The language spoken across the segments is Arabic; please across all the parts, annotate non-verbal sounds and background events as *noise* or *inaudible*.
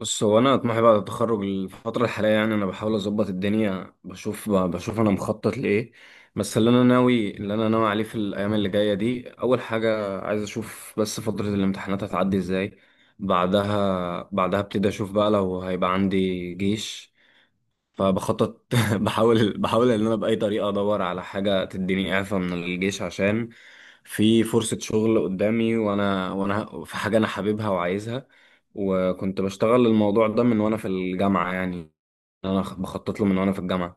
بص، هو انا طموحي بعد التخرج الفتره الحاليه، يعني انا بحاول اظبط الدنيا، بشوف بشوف انا مخطط لايه. بس اللي انا ناوي عليه في الايام اللي جايه دي، اول حاجه عايز اشوف بس فتره الامتحانات هتعدي ازاي. بعدها ابتدي اشوف بقى لو هيبقى عندي جيش. فبخطط *laughs* بحاول ان انا باي طريقه ادور على حاجه تديني اعفاء من الجيش، عشان في فرصه شغل قدامي، وانا في حاجه انا حاببها وعايزها. وكنت بشتغل الموضوع ده من وانا في الجامعه، يعني انا بخطط له من وانا في الجامعه.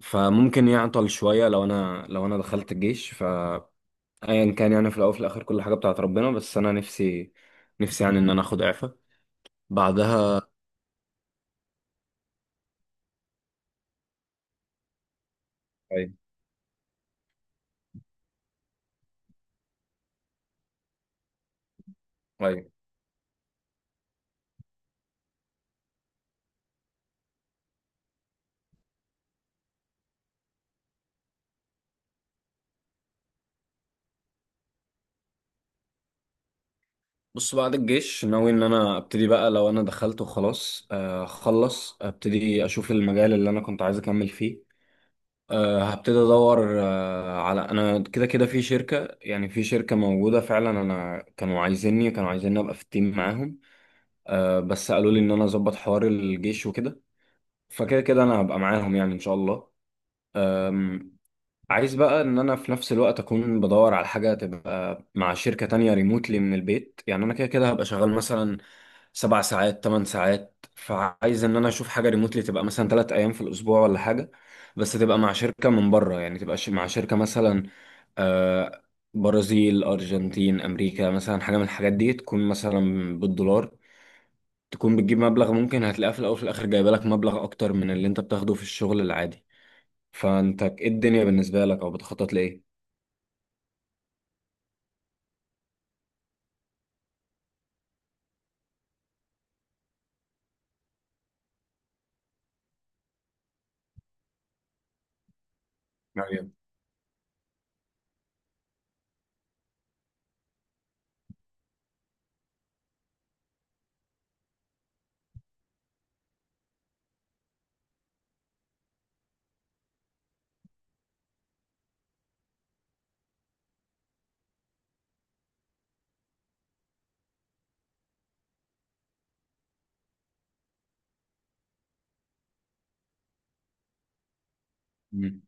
فممكن يعطل شويه لو انا دخلت الجيش، فايا كان، يعني في الاول وفي الاخر كل حاجه بتاعت ربنا، بس انا نفسي يعني ان انا اخد اعفاء بعدها. ايوه، بص، بعد الجيش ناوي ان انا ابتدي بقى، لو انا دخلت وخلاص اخلص ابتدي اشوف المجال اللي انا كنت عايز اكمل فيه. هبتدي ادور على، انا كده كده في شركة، يعني في شركة موجودة فعلا، انا كانوا عايزيني ابقى في التيم معاهم. بس قالوا لي ان انا اظبط حوار الجيش وكده. فكده كده انا هبقى معاهم يعني ان شاء الله. عايز بقى ان انا في نفس الوقت اكون بدور على حاجه تبقى مع شركه تانية ريموتلي من البيت، يعني انا كده كده هبقى شغال مثلا 7 ساعات 8 ساعات، فعايز ان انا اشوف حاجه ريموتلي، تبقى مثلا 3 ايام في الاسبوع ولا حاجه. بس تبقى مع شركه من بره، يعني تبقى مع شركه مثلا، آه، برازيل، ارجنتين، امريكا، مثلا حاجه من الحاجات دي تكون مثلا بالدولار، تكون بتجيب مبلغ، ممكن هتلاقيه في الاول وفي الاخر جايبه لك مبلغ اكتر من اللي انت بتاخده في الشغل العادي. فانت ايه الدنيا بالنسبه لك، او بتخطط لايه؟ أيوة. مم.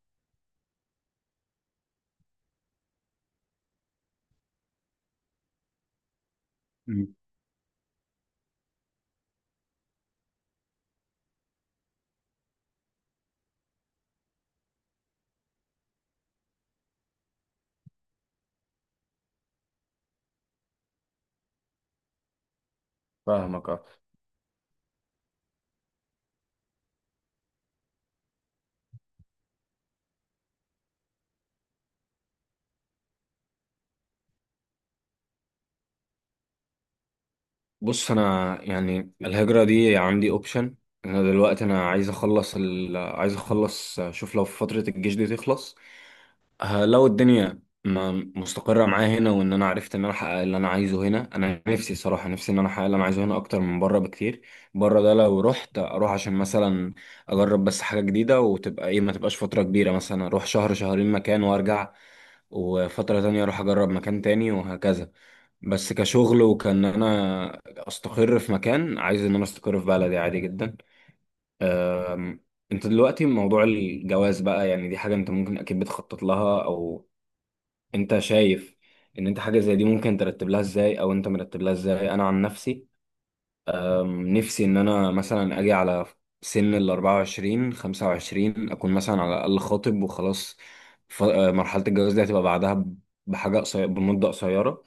مم. فاهمك اه. بص، انا يعني الهجره دي عندي اوبشن. انا دلوقتي انا عايز اخلص عايز اخلص اشوف لو فتره الجيش دي تخلص. لو الدنيا ما مستقره معايا هنا وان انا عرفت ان انا احقق اللي انا عايزه هنا، انا نفسي صراحه نفسي ان انا احقق اللي انا عايزه هنا اكتر من بره بكتير. بره ده لو رحت اروح عشان مثلا اجرب بس حاجه جديده، وتبقى ايه، ما تبقاش فتره كبيره، مثلا اروح شهر شهرين مكان وارجع، وفتره تانية اروح اجرب مكان تاني وهكذا. بس كشغل وكان انا استقر في مكان، عايز ان انا استقر في بلدي عادي جدا. أم، انت دلوقتي موضوع الجواز بقى، يعني دي حاجة انت ممكن اكيد بتخطط لها، او انت شايف ان انت حاجة زي دي ممكن ترتب لها ازاي، او انت مرتب لها ازاي؟ انا عن نفسي، نفسي ان انا مثلا اجي على سن ال 24 25 اكون مثلا على الاقل خاطب وخلاص. مرحلة الجواز دي هتبقى بعدها بحاجة قصيرة، بمدة قصيرة.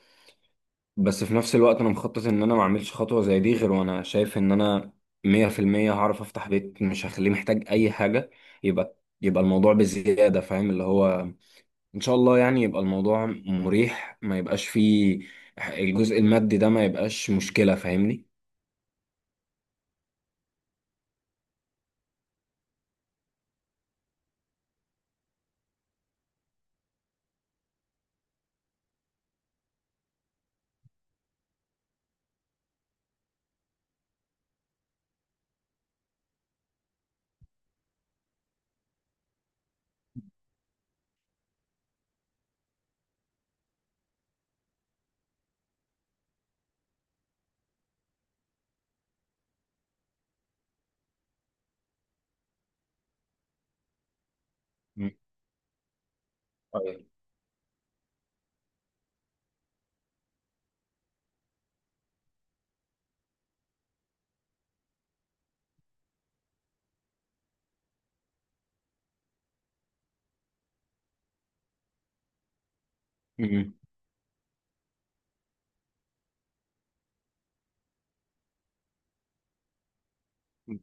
بس في نفس الوقت انا مخطط ان انا ما اعملش خطوه زي دي غير وانا شايف ان انا 100% هعرف افتح بيت، مش هخليه محتاج اي حاجه. يبقى يبقى الموضوع بزياده، فاهم اللي هو، ان شاء الله يعني يبقى الموضوع مريح، ما يبقاش فيه الجزء المادي ده، ما يبقاش مشكله، فاهمني؟ مم. أيوة. مم.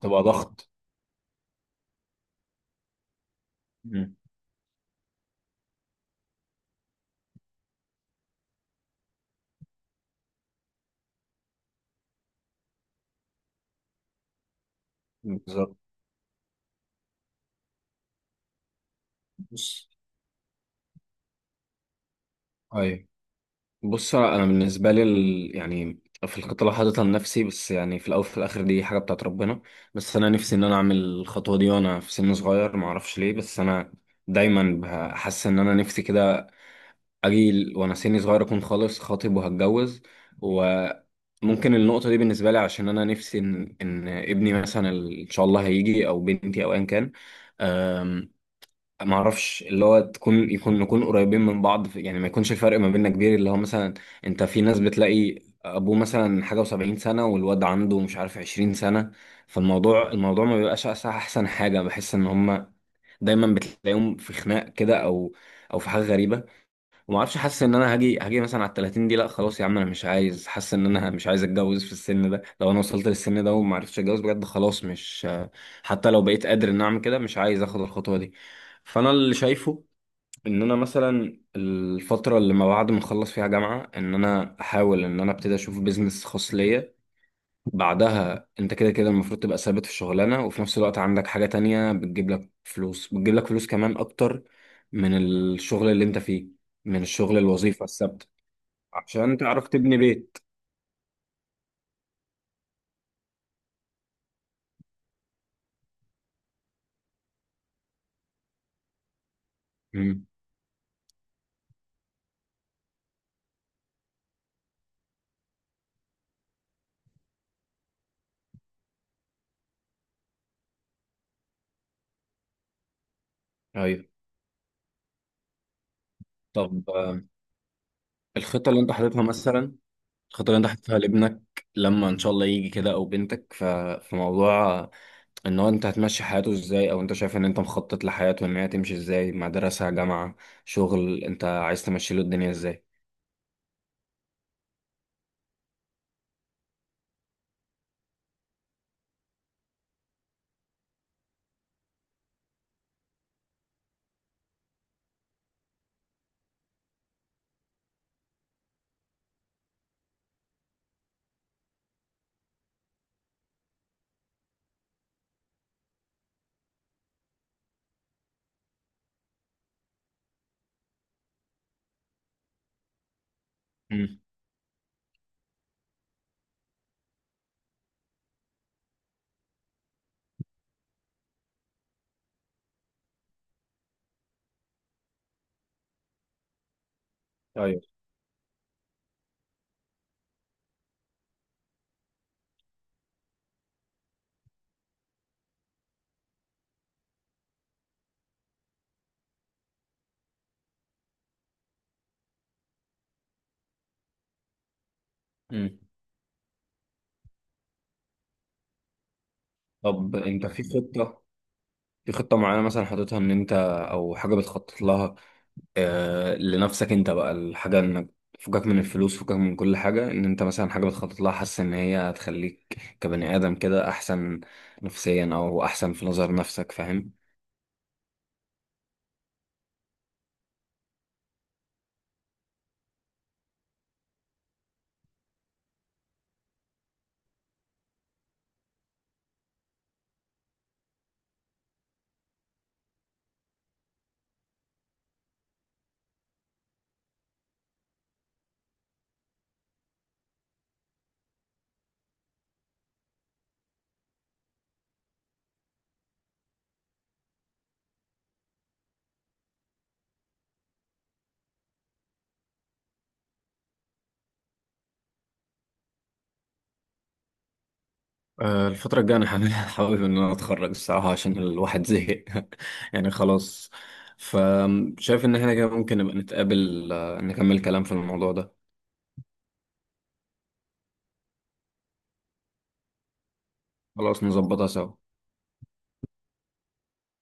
تبقى ضغط. مم. بالظبط. بص بص انا بالنسبه لي يعني في الخطه اللي حاططها لنفسي، بس يعني في الاول وفي الاخر دي حاجه بتاعت ربنا، بس انا نفسي ان انا اعمل الخطوه دي وانا في سن صغير، ما اعرفش ليه، بس انا دايما بحس ان انا نفسي كده اجي وانا سني صغير اكون خالص خاطب وهتجوز. وممكن النقطه دي بالنسبه لي عشان انا نفسي إن ابني مثلا ان شاء الله هيجي، او بنتي او ايا كان، ما اعرفش، اللي هو تكون يكون نكون قريبين من بعض في، يعني ما يكونش الفرق ما بيننا كبير، اللي هو مثلا انت في ناس بتلاقي ابوه مثلا حاجه و70 سنه والواد عنده مش عارف 20 سنه. فالموضوع ما بيبقاش احسن حاجه، بحس ان هم دايما بتلاقيهم في خناق كده، او في حاجه غريبه. وما اعرفش، حاسس ان انا هاجي مثلا على ال 30، دي لا خلاص يا عم انا مش عايز، حاسس ان انا مش عايز اتجوز في السن ده، لو انا وصلت للسن ده وما عرفتش اتجوز بجد خلاص مش، حتى لو بقيت قادر ان اعمل كده مش عايز اخد الخطوة دي. فانا اللي شايفه ان انا مثلا الفترة اللي ما بعد ما اخلص فيها جامعة، ان انا احاول ان انا ابتدي اشوف بيزنس خاص ليا. بعدها انت كده كده المفروض تبقى ثابت في شغلانة، وفي نفس الوقت عندك حاجة تانية بتجيب لك فلوس كمان اكتر من الشغل اللي انت فيه، من الشغل، الوظيفة الثابتة، عشان تعرف تبني بيت. امم. ايوه. طب الخطة اللي انت حاططها مثلا، الخطة اللي انت حاططها لابنك لما ان شاء الله يجي كده، او بنتك، في موضوع ان هو انت هتمشي حياته ازاي، او انت شايف ان انت مخطط لحياته ان هي تمشي ازاي، مدرسة، جامعة، شغل، انت عايز تمشي له الدنيا ازاي؟ امم. مم. طب انت في خطة معينة مثلا حاططها ان انت، او حاجة بتخطط لها لنفسك انت بقى، الحاجة انك فكك من الفلوس، فكك من كل حاجة، ان انت مثلا حاجة بتخطط لها حاسس ان هي هتخليك كبني ادم كده احسن نفسيا، او احسن في نظر نفسك، فاهم؟ الفترة الجاية انا حابب *laughs* حابب ان انا اتخرج الصراحة، عشان الواحد زهق. *laughs* يعني خلاص. فشايف ان احنا كده ممكن نبقى نتقابل، نكمل كلام في الموضوع ده. خلاص، نظبطها سوا.